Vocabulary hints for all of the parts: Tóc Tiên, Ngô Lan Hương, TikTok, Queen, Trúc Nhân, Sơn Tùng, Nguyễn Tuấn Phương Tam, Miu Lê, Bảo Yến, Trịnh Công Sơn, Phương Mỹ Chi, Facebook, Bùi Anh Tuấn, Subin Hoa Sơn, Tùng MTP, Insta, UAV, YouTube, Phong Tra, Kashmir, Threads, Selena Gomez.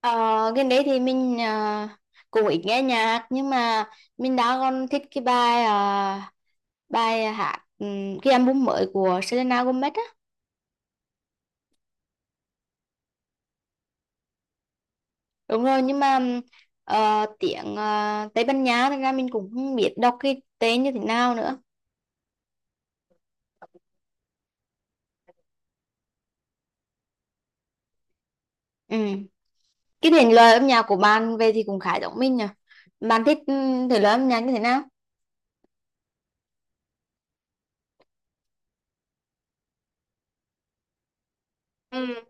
Ờ, gần đấy thì mình cũng ít nghe nhạc nhưng mà mình đã còn thích cái bài bài hát cái album mới của Selena Gomez á. Đúng rồi nhưng mà tiếng Tây Ban Nha thành ra mình cũng không biết đọc cái tên như thế nào nữa. Ừ. Cái thể loại âm nhạc của bạn về thì cũng khá giống mình nhỉ. Bạn thích thể loại âm nhạc như thế nào? Ừ.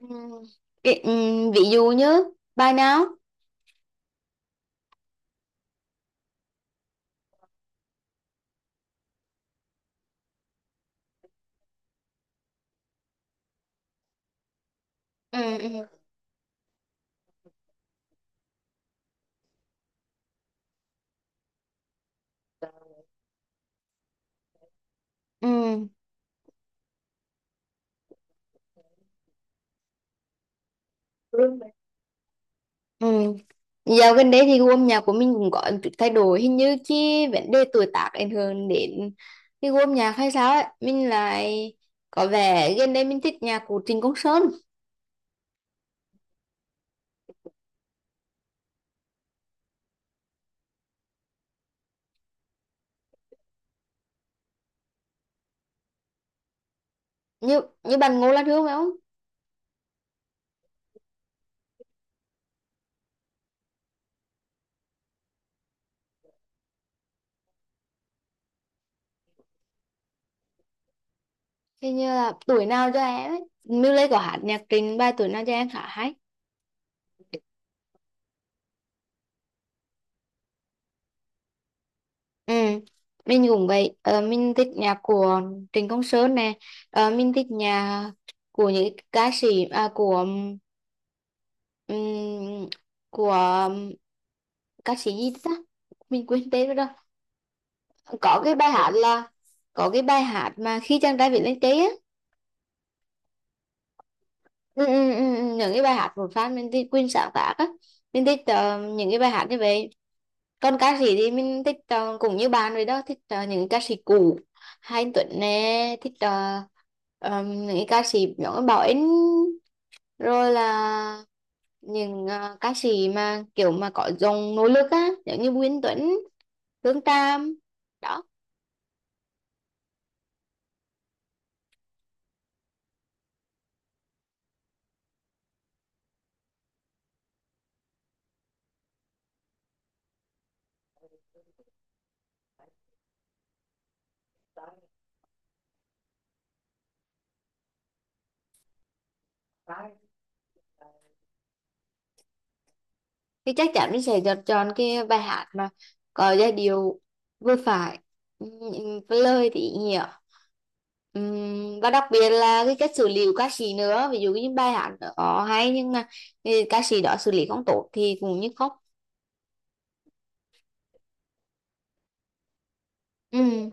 Ừm, ví dụ như bài nào? Ừ. Ừ. Ừ. Ừ. Dạo gần đây thì gu âm nhạc của mình cũng có một chút thay đổi, hình như cái vấn đề tuổi tác ảnh hưởng đến cái gu âm nhạc hay sao ấy. Mình lại có vẻ gần đây mình thích nhạc của Trịnh Công Sơn. Như như bạn Ngô Lan Hương phải không? Hình như là tuổi nào cho em ấy, Miu Lê có hát nhạc Trịnh, bài tuổi nào cho em khá hay. Ừ. Mình cũng vậy. Ờ, mình thích nhạc của Trịnh Công Sơn nè. Mình thích nhạc của những ca sĩ ừm, của ca sĩ gì ta, mình quên tên rồi. Có cái bài hát là có cái bài hát mà khi chàng trai viết lên cây á. Ừ, những cái bài hát của fan mình thích Queen sáng tác á. Mình thích những cái bài hát như vậy. Còn ca sĩ thì mình thích, cũng như bạn rồi đó, thích những ca sĩ cũ. Hai anh Tuấn nè, thích những cái ca sĩ nhỏ Bảo Yến, rồi là những ca sĩ mà kiểu mà có dòng nỗ lực á giống như Nguyễn Tuấn, phương tam đó. Thì chắc chắn mình sẽ chọn chọn cái bài hát mà có giai điệu vừa phải, ừm, với lời thì ý nghĩa. Và đặc biệt là cái cách xử lý của ca sĩ nữa, ví dụ như bài hát đó hay nhưng mà ừ, ca sĩ đó xử lý không tốt thì cũng như khóc. Ừ.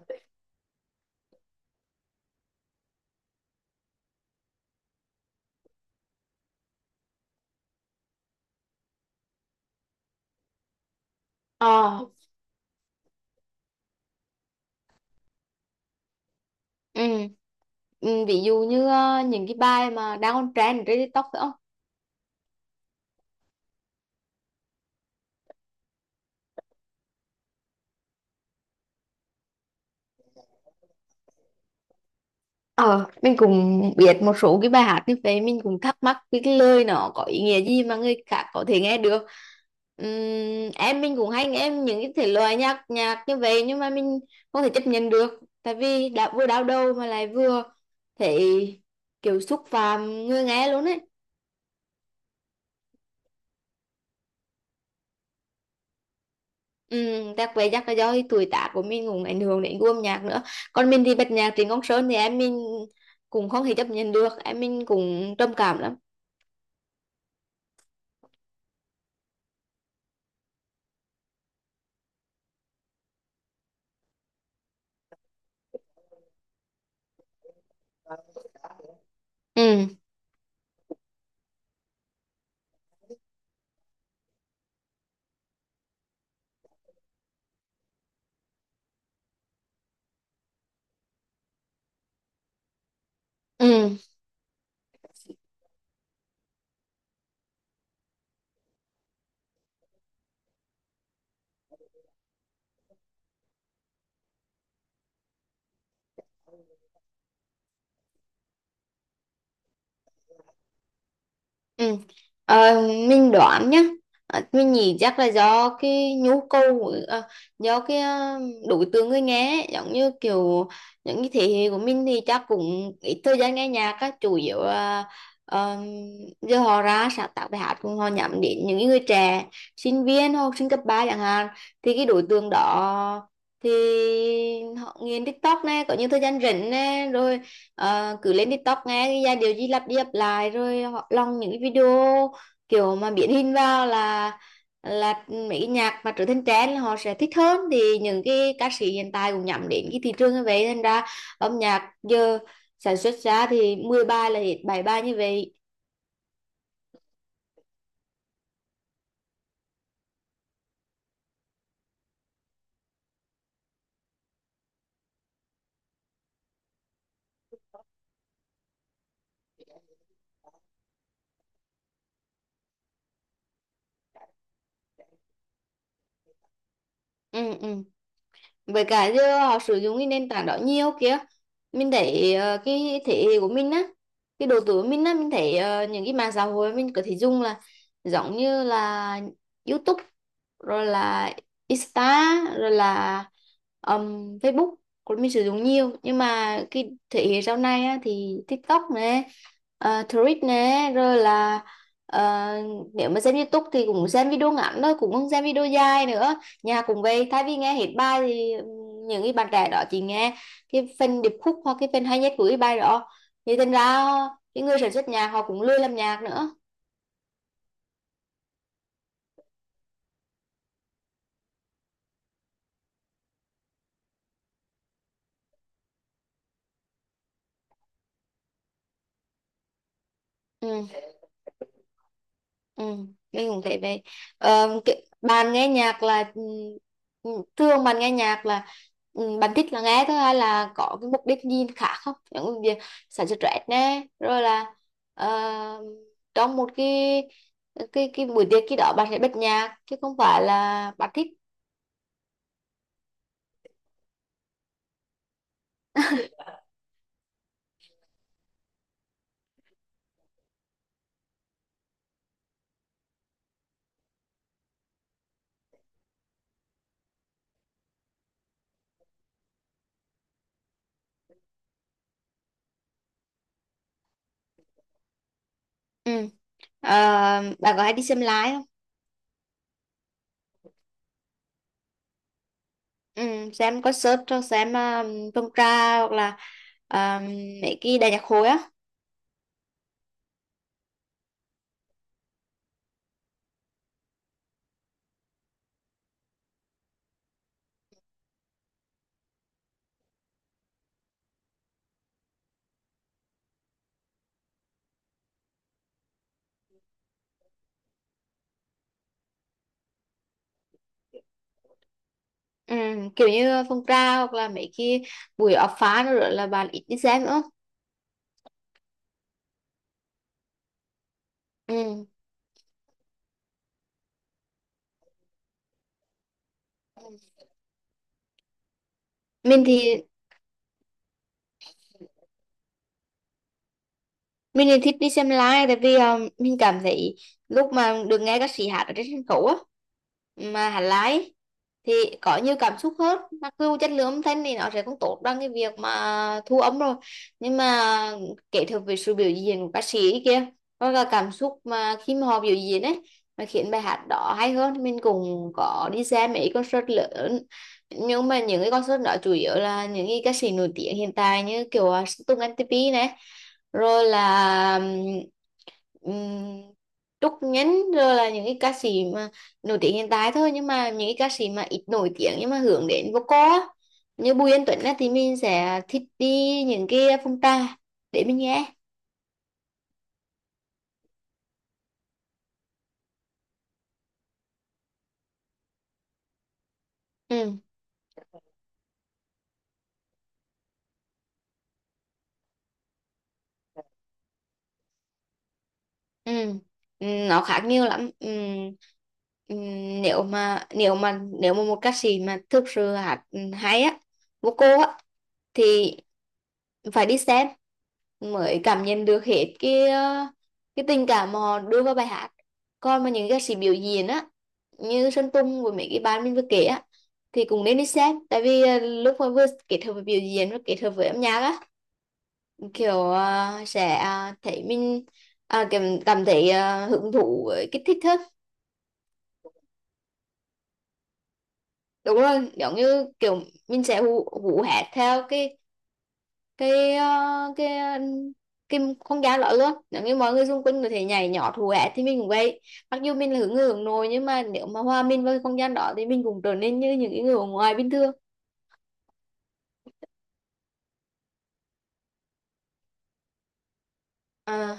Ờ. Ừ. Ừ, ví dụ như những cái bài mà đang on trend trên TikTok phải không? Ờ, mình cũng biết một số cái bài hát như vậy, mình cũng thắc mắc cái lời nó có ý nghĩa gì mà người khác có thể nghe được. Em mình cũng hay nghe những cái thể loại nhạc nhạc như vậy nhưng mà mình không thể chấp nhận được, tại vì đã vừa đau đầu mà lại vừa thấy kiểu xúc phạm người nghe luôn ấy. Chắc vậy, chắc là do cái tuổi tác của mình cũng ảnh hưởng đến gu âm nhạc nữa. Còn mình thì bật nhạc Trịnh Công Sơn thì em mình cũng không thể chấp nhận được, em mình cũng trầm cảm lắm. Ừ. Ừ. Ừ. Ờ, mình đoán nhá. Ờ, mình nghĩ chắc là do cái nhu cầu của- ờ, do cái đối tượng người nghe ấy. Giống như kiểu những cái thế hệ của mình thì chắc cũng ít thời gian nghe nhạc á, chủ yếu là ờ, giờ họ ra sáng tạo bài hát cũng họ nhắm đến những cái người trẻ, sinh viên hoặc học sinh cấp 3 chẳng hạn. Thì cái đối tượng đó thì họ nghiền TikTok này, có những thời gian rảnh này rồi. Ờ, cứ lên TikTok nghe cái giai điệu gì lặp đi lặp lại rồi họ lòng những cái video kiểu mà biến hình vào là mấy cái nhạc mà trở thành trend là họ sẽ thích hơn. Thì những cái ca sĩ hiện tại cũng nhắm đến cái thị trường như vậy, thành ra âm nhạc giờ sản xuất ra thì 10 bài là hết 7 bài như vậy. Ừ. Ừ. Với cả giờ họ sử dụng cái nền tảng đó nhiều kia. Mình thấy cái thế hệ của mình á, cái độ tuổi của mình á, mình thấy những cái mạng xã hội mình có thể dùng là giống như là YouTube rồi là Insta rồi là Facebook của mình sử dụng nhiều. Nhưng mà cái thế hệ sau này á thì TikTok nè, Threads nè rồi là ờ, nếu mà xem YouTube thì cũng xem video ngắn thôi, cũng không xem video dài nữa. Nhà cũng vậy, thay vì nghe hết bài thì ừ, những cái bạn trẻ đó chỉ nghe cái phần điệp khúc hoặc cái phần hay nhất của cái bài đó. Thì thành ra cái người sản xuất nhạc họ cũng lười làm nhạc nữa. Ừ. Ừ. Mình cũng thấy vậy. Bạn nghe nhạc là ừ, thường bạn nghe nhạc là ừ, bạn thích là nghe thôi hay là có cái mục đích gì khác không, những cái việc sản xuất rap nè, rồi là ờ, trong một cái buổi tiệc khi đó bạn sẽ bật nhạc chứ không phải là bạn thích. Ừ. Ờ, bà có hay đi xem lái không? Ừ, xem concert cho xem Phong Tra hoặc là um, mấy cái đại nhạc hội á. Ừ, kiểu như Phong Tra hoặc là mấy cái buổi ập phá nữa là bạn ít đi xem nữa. Ừ. Mình thì mình thì thích đi xem live, tại vì mình cảm thấy lúc mà được nghe các sĩ hát ở trên sân khấu á, mà hát live thì có nhiều cảm xúc hơn, mặc dù chất lượng âm thanh thì nó sẽ không tốt bằng cái việc mà thu âm rồi. Nhưng mà kết hợp với sự biểu diễn của ca sĩ kia hoặc là cảm xúc mà khi mà họ biểu diễn ấy mà khiến bài hát đó hay hơn. Mình cũng có đi xem mấy concert lớn, nhưng mà những cái concert đó chủ yếu là những cái ca sĩ nổi tiếng hiện tại, như kiểu Tùng MTP này rồi là um, Trúc Nhân, rồi là những cái ca sĩ mà nổi tiếng hiện tại thôi. Nhưng mà những cái ca sĩ mà ít nổi tiếng nhưng mà hướng đến vocal á, như Bùi Anh Tuấn á, thì mình sẽ thích đi những cái phong trà để mình nghe. Ừ. Ừ. Ừ, nó khác nhiều lắm. Ừ. Ừ, nếu mà một ca sĩ mà thực sự hát hay á, vocal á, thì phải đi xem mới cảm nhận được hết cái cái tình cảm mà họ đưa vào bài hát. Còn mà những ca sĩ biểu diễn á, như Sơn Tùng với mấy cái bạn mình vừa kể á, thì cũng nên đi xem, tại vì lúc mà vừa kết hợp với biểu diễn và kết hợp với âm nhạc á, kiểu thấy mình cảm thấy hứng thú với cái thích thức. Đúng rồi, giống như kiểu mình sẽ hú hét theo cái cái ờ, cái ờ, cái không gian đó luôn. Nếu như mọi người xung quanh có thể nhảy nhỏ thù hét thì mình cũng vậy. Mặc dù mình là hướng người hướng nội nhưng mà nếu mà hòa mình vào cái không gian đó thì mình cũng trở nên như những cái người ở ngoài bình thường. à,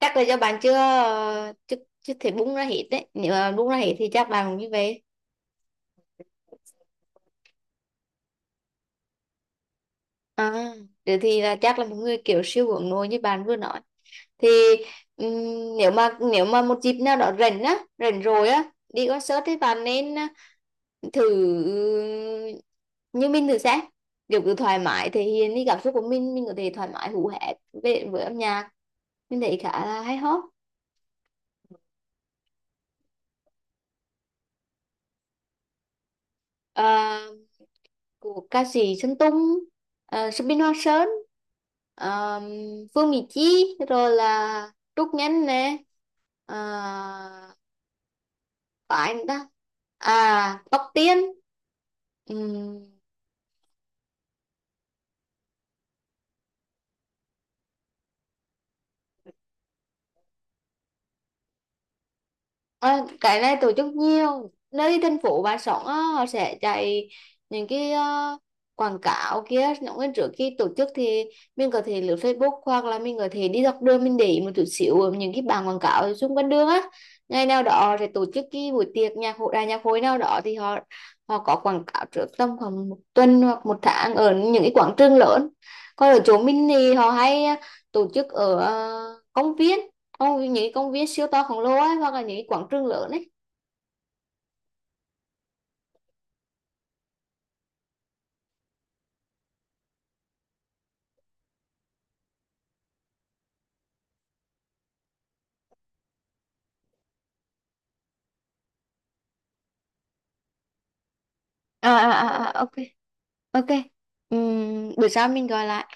Chắc là do bạn chưa ờ, chưa chưa thể bung ra hết đấy, nếu mà bung ra hết thì chắc bạn cũng như vậy. à, Thế thì là chắc là một người kiểu siêu hướng nội như bạn vừa nói thì nếu mà một dịp nào đó rảnh á, rảnh rồi á, đi concert thì bạn nên thử như mình, thử xem, kiểu cứ thoải mái thể hiện đi, cảm xúc của mình có thể thoải mái hú hét về với âm nhạc, mình thấy khá là hay ho. À, của ca sĩ Sơn Tùng, Subin Hoa Sơn, à, Phương Mỹ Chi rồi là Trúc Nhân nè, à, có anh ta, à Tóc Tiên. Ừm. Ờ, cái này tổ chức nhiều nơi. Thành phố bà sống á, họ sẽ chạy những cái quảng cáo kia, những cái trước khi tổ chức thì mình có thể lướt Facebook hoặc là mình có thể đi dọc đường, mình để ý một chút xíu ở những cái bảng quảng cáo ở xung quanh đường á. Ngày nào đó họ sẽ tổ chức cái buổi tiệc nhạc hội, đài nhạc hội nào đó thì họ họ có quảng cáo trước tầm khoảng một tuần hoặc một tháng ở những cái quảng trường lớn. Còn ở chỗ mình thì họ hay tổ chức ở công viên. Ồ, những cái công viên siêu to khổng lồ ấy, hoặc là những cái quảng trường lớn ấy. Ok. Ok. Buổi sau mình gọi lại.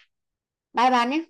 Bye bye nhé.